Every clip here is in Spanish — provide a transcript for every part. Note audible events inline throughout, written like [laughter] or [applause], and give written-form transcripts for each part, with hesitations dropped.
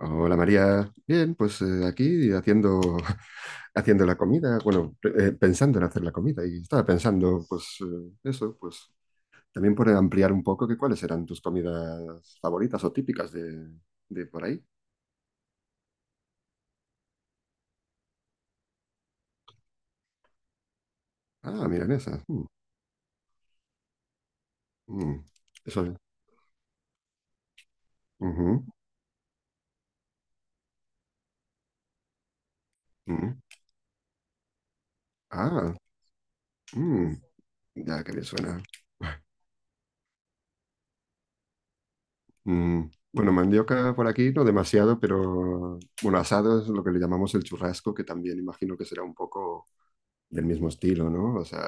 Hola María, bien, pues aquí haciendo, [laughs] haciendo la comida, bueno, pensando en hacer la comida y estaba pensando, pues eso, pues también por ampliar un poco que cuáles eran tus comidas favoritas o típicas de por ahí. Ah, milanesa. Mm, eso es. Ujú, mm. Ah, mm, ya que bien suena. Mm, bueno, mandioca por aquí no demasiado, pero bueno, asado es lo que le llamamos el churrasco, que también imagino que será un poco del mismo estilo, ¿no? O sea,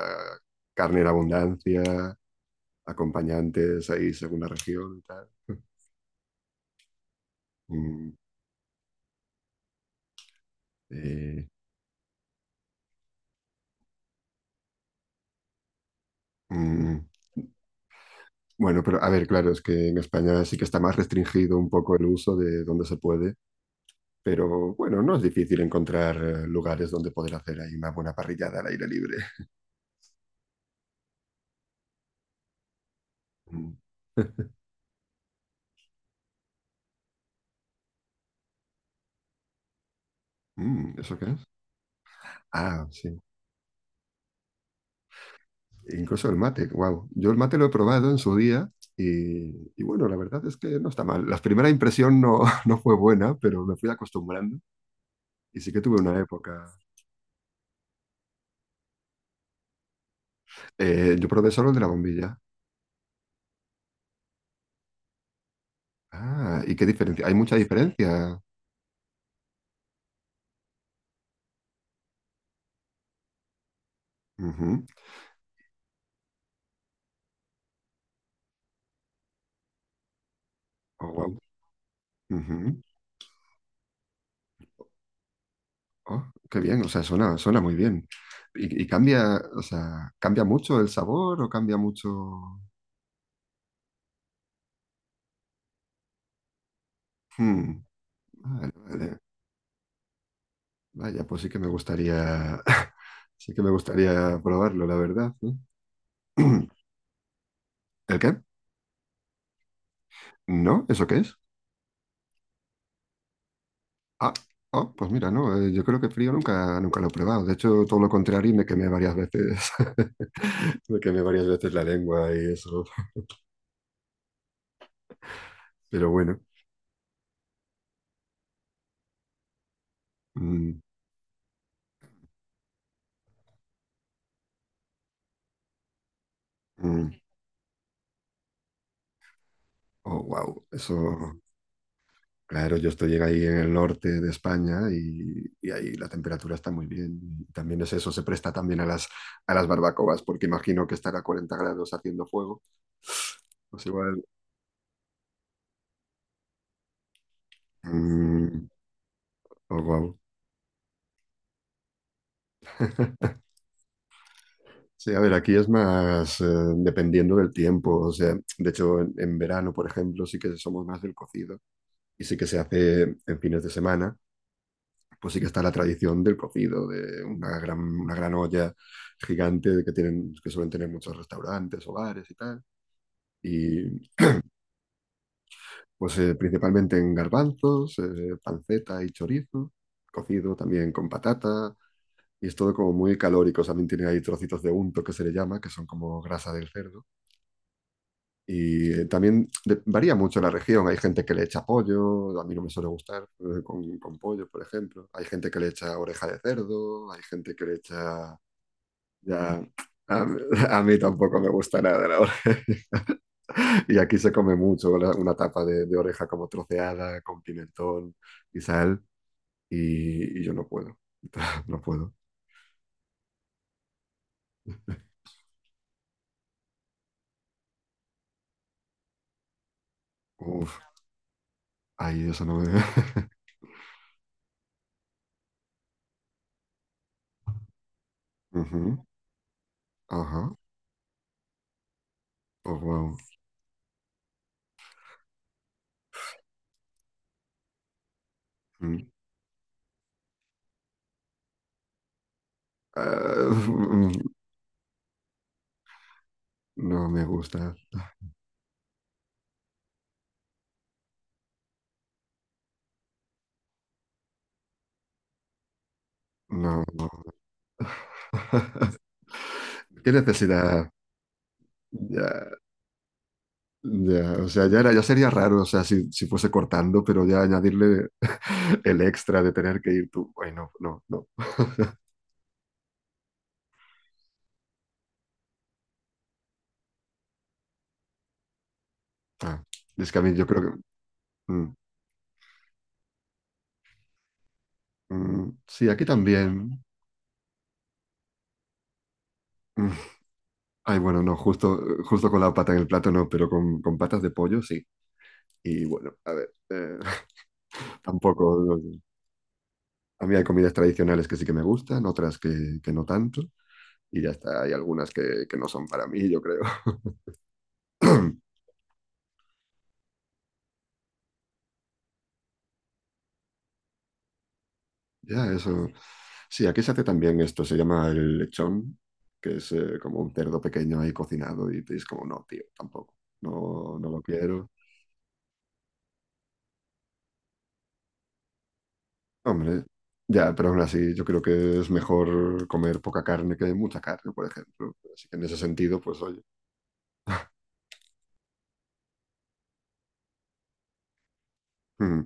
carne en abundancia, acompañantes ahí según la región y tal. [laughs] Mm, eh, mm, bueno, pero a ver, claro, es que en España sí que está más restringido un poco el uso de donde se puede, pero bueno, no es difícil encontrar lugares donde poder hacer ahí una buena parrillada al aire libre. Mm. [laughs] Mm, ¿eso qué es? Ah, sí. Incluso el mate, wow. Yo el mate lo he probado en su día y, y bueno, la verdad es que no está mal. La primera impresión no, [laughs] no fue buena, pero me fui acostumbrando y sí que tuve una época. Yo probé solo el de la bombilla. Ah, ¿y qué diferencia? Hay mucha diferencia. Ujú. Oh, wow. Ujú. Oh, qué bien, o sea, suena muy bien. Y cambia, o sea, ¿cambia mucho el sabor o cambia mucho? Hmm, vale. Vaya, pues sí que me gustaría, [laughs] sí que me gustaría probarlo, la verdad, ¿no? [clears throat] ¿El qué? ¿No? ¿Eso qué es? Ah, oh, pues mira, no, yo creo que frío nunca, nunca lo he probado. De hecho, todo lo contrario, me quemé varias veces, [laughs] me quemé varias veces la lengua y eso. Pero bueno, mm, mm, oh, wow, eso. Claro, yo estoy ahí en el norte de España y ahí la temperatura está muy bien. Y también es eso, se presta también a a las barbacoas, porque imagino que estar a 40 grados haciendo fuego. Pues igual. Mm, oh, guau. Sí, a ver, aquí es más dependiendo del tiempo. O sea, de hecho, en verano, por ejemplo, sí que somos más del cocido y sí que se hace en fines de semana. Pues sí que está la tradición del cocido, de una una gran olla gigante que que suelen tener muchos restaurantes, hogares y tal. Y pues principalmente en garbanzos, panceta y chorizo, cocido también con patata, y es todo como muy calórico. También tiene ahí trocitos de unto que se le llama, que son como grasa del cerdo. Y varía mucho la región. Hay gente que le echa pollo, a mí no me suele gustar con pollo, por ejemplo. Hay gente que le echa oreja de cerdo, hay gente que le echa. Ya, mí [laughs] a mí tampoco me gusta nada la oreja. [laughs] Y aquí se come mucho una tapa de oreja como troceada, con pimentón y sal, y yo no puedo. [laughs] No puedo. Uf, ahí eso no me... [laughs] Ujú, ajá, oh, wow. Mm. Ah, [laughs] mm, no me gusta. No, no. [laughs] ¿Qué necesidad? Ya, ya, o sea, ya era, ya sería raro, o sea, si fuese cortando, pero ya añadirle [laughs] el extra de tener que ir tú. Ay, no, no, no. Ah, es que a mí yo creo que. Mm, mm, sí, aquí también. Mm. Ay, bueno, no, justo, justo con la pata en el plato no, pero con patas de pollo sí. Y bueno, a ver, eh. [laughs] Tampoco, no. A mí hay comidas tradicionales que sí que me gustan, otras que no tanto, y ya está. Hay algunas que no son para mí, yo creo. [clears throat] Ya, eso. Sí, aquí se hace también esto, se llama el lechón, que es como un cerdo pequeño ahí cocinado y te dices como, no, tío, tampoco, no, no lo quiero. Hombre, ya, pero aún así yo creo que es mejor comer poca carne que mucha carne, por ejemplo. Así que en ese sentido, pues oye, mm,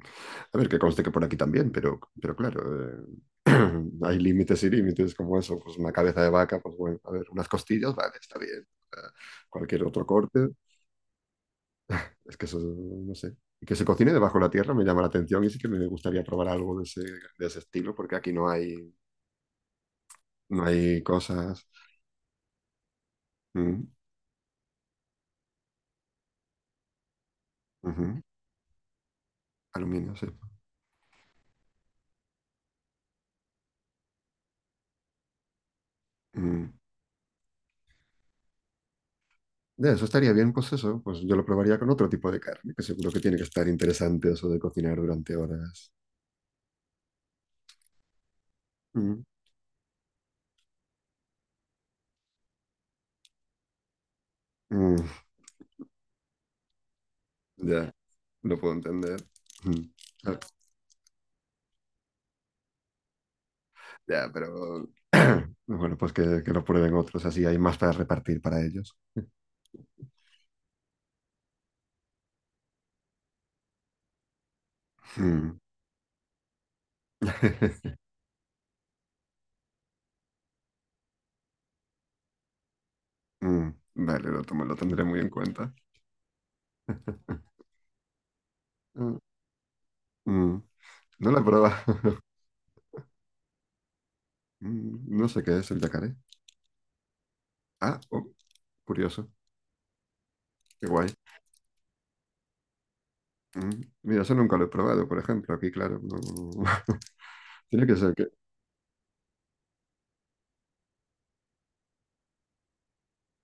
a ver, que conste que por aquí también, pero claro, eh, [clears throat] hay límites y límites como eso, pues una cabeza de vaca, pues bueno, a ver, unas costillas, vale, está bien. Eh, Cualquier otro corte. Es que eso, no sé. Y que se cocine debajo de la tierra me llama la atención y sí que me gustaría probar algo de ese estilo, porque aquí no hay, no hay cosas. Mm, ujú. Aluminio, sí. Mm. De eso estaría bien, pues eso, pues yo lo probaría con otro tipo de carne, que seguro que tiene que estar interesante eso de cocinar durante horas. Mm, mm, Ya, lo puedo entender. Mm. Ah, ya, pero [clears throat] bueno, pues que lo prueben otros, así hay más para repartir para ellos. Mm. [laughs] Mm, dale, lo tendré muy en cuenta. Mm. Mm, no la prueba. [laughs] Mm, no sé qué es el yacaré. Ah, oh, curioso. Qué guay. Mm, mira, eso nunca lo he probado, por ejemplo. Aquí, claro, no... [laughs] Tiene que ser que...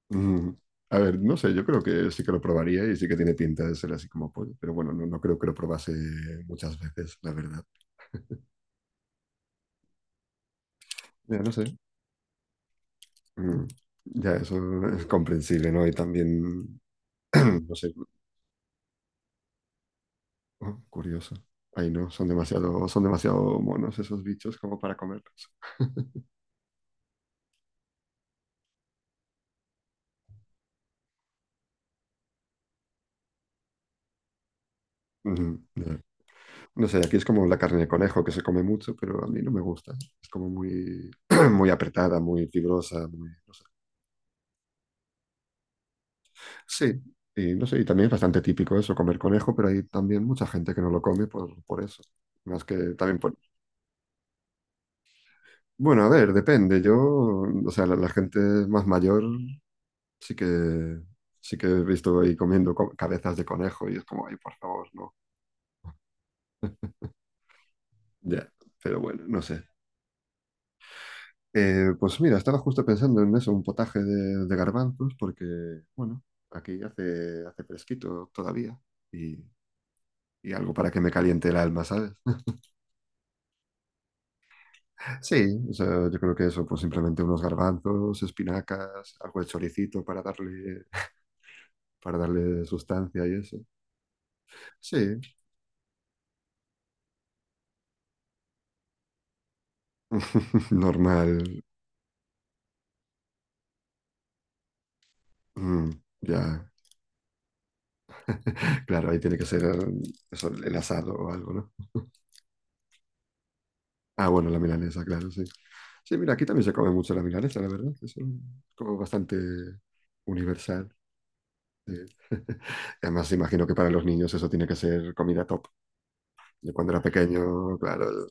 Mm, a ver, no sé, yo creo que sí que lo probaría y sí que tiene pinta de ser así como pollo. Pero bueno, no, no creo que lo probase muchas veces, la verdad. Ya, no sé. Mm, ya, eso es comprensible, ¿no? Y también... [clears throat] no sé. Oh, curioso. Ay, no, son demasiado monos esos bichos como para comerlos. Ujú, ya. No sé, aquí es como la carne de conejo que se come mucho, pero a mí no me gusta. Es como muy, [clears throat] muy apretada, muy fibrosa, muy, no sé. Sí, y no sé, y también es bastante típico eso, comer conejo, pero hay también mucha gente que no lo come por eso. Más que también por... Bueno, a ver, depende. Yo, o sea, la gente más mayor sí que, sí que he visto ahí comiendo cabezas de conejo y es como, ay, por favor, no. Ya, pero bueno, no sé. Pues mira, estaba justo pensando en eso, un potaje de garbanzos, porque, bueno, aquí hace, hace fresquito todavía y, y algo para que me caliente el alma, ¿sabes? [laughs] Sí, o sea, yo creo que eso, pues simplemente unos garbanzos, espinacas, algo de choricito para darle sustancia y eso. Sí, [laughs] normal. Mm, ya, claro, ahí tiene que ser eso, el asado o algo, ¿no? [laughs] Ah, bueno, la milanesa, claro, sí. Sí, mira, aquí también se come mucho la milanesa, la verdad. Es como bastante universal. Eh. [laughs] Además, imagino que para los niños eso tiene que ser comida top. Yo cuando era pequeño, claro, yo-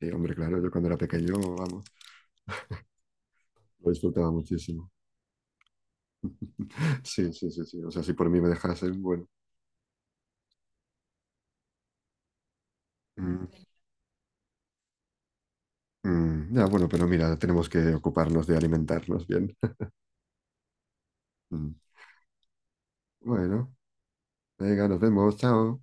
sí, hombre, claro, yo cuando era pequeño, vamos, lo disfrutaba muchísimo. Sí, sí, sí, sí. O sea, si por mí me dejasen, bueno. Mm, ya, bueno, pero mira, tenemos que ocuparnos de alimentarnos bien. [laughs] Mm. Bueno, venga, nos vemos, chao.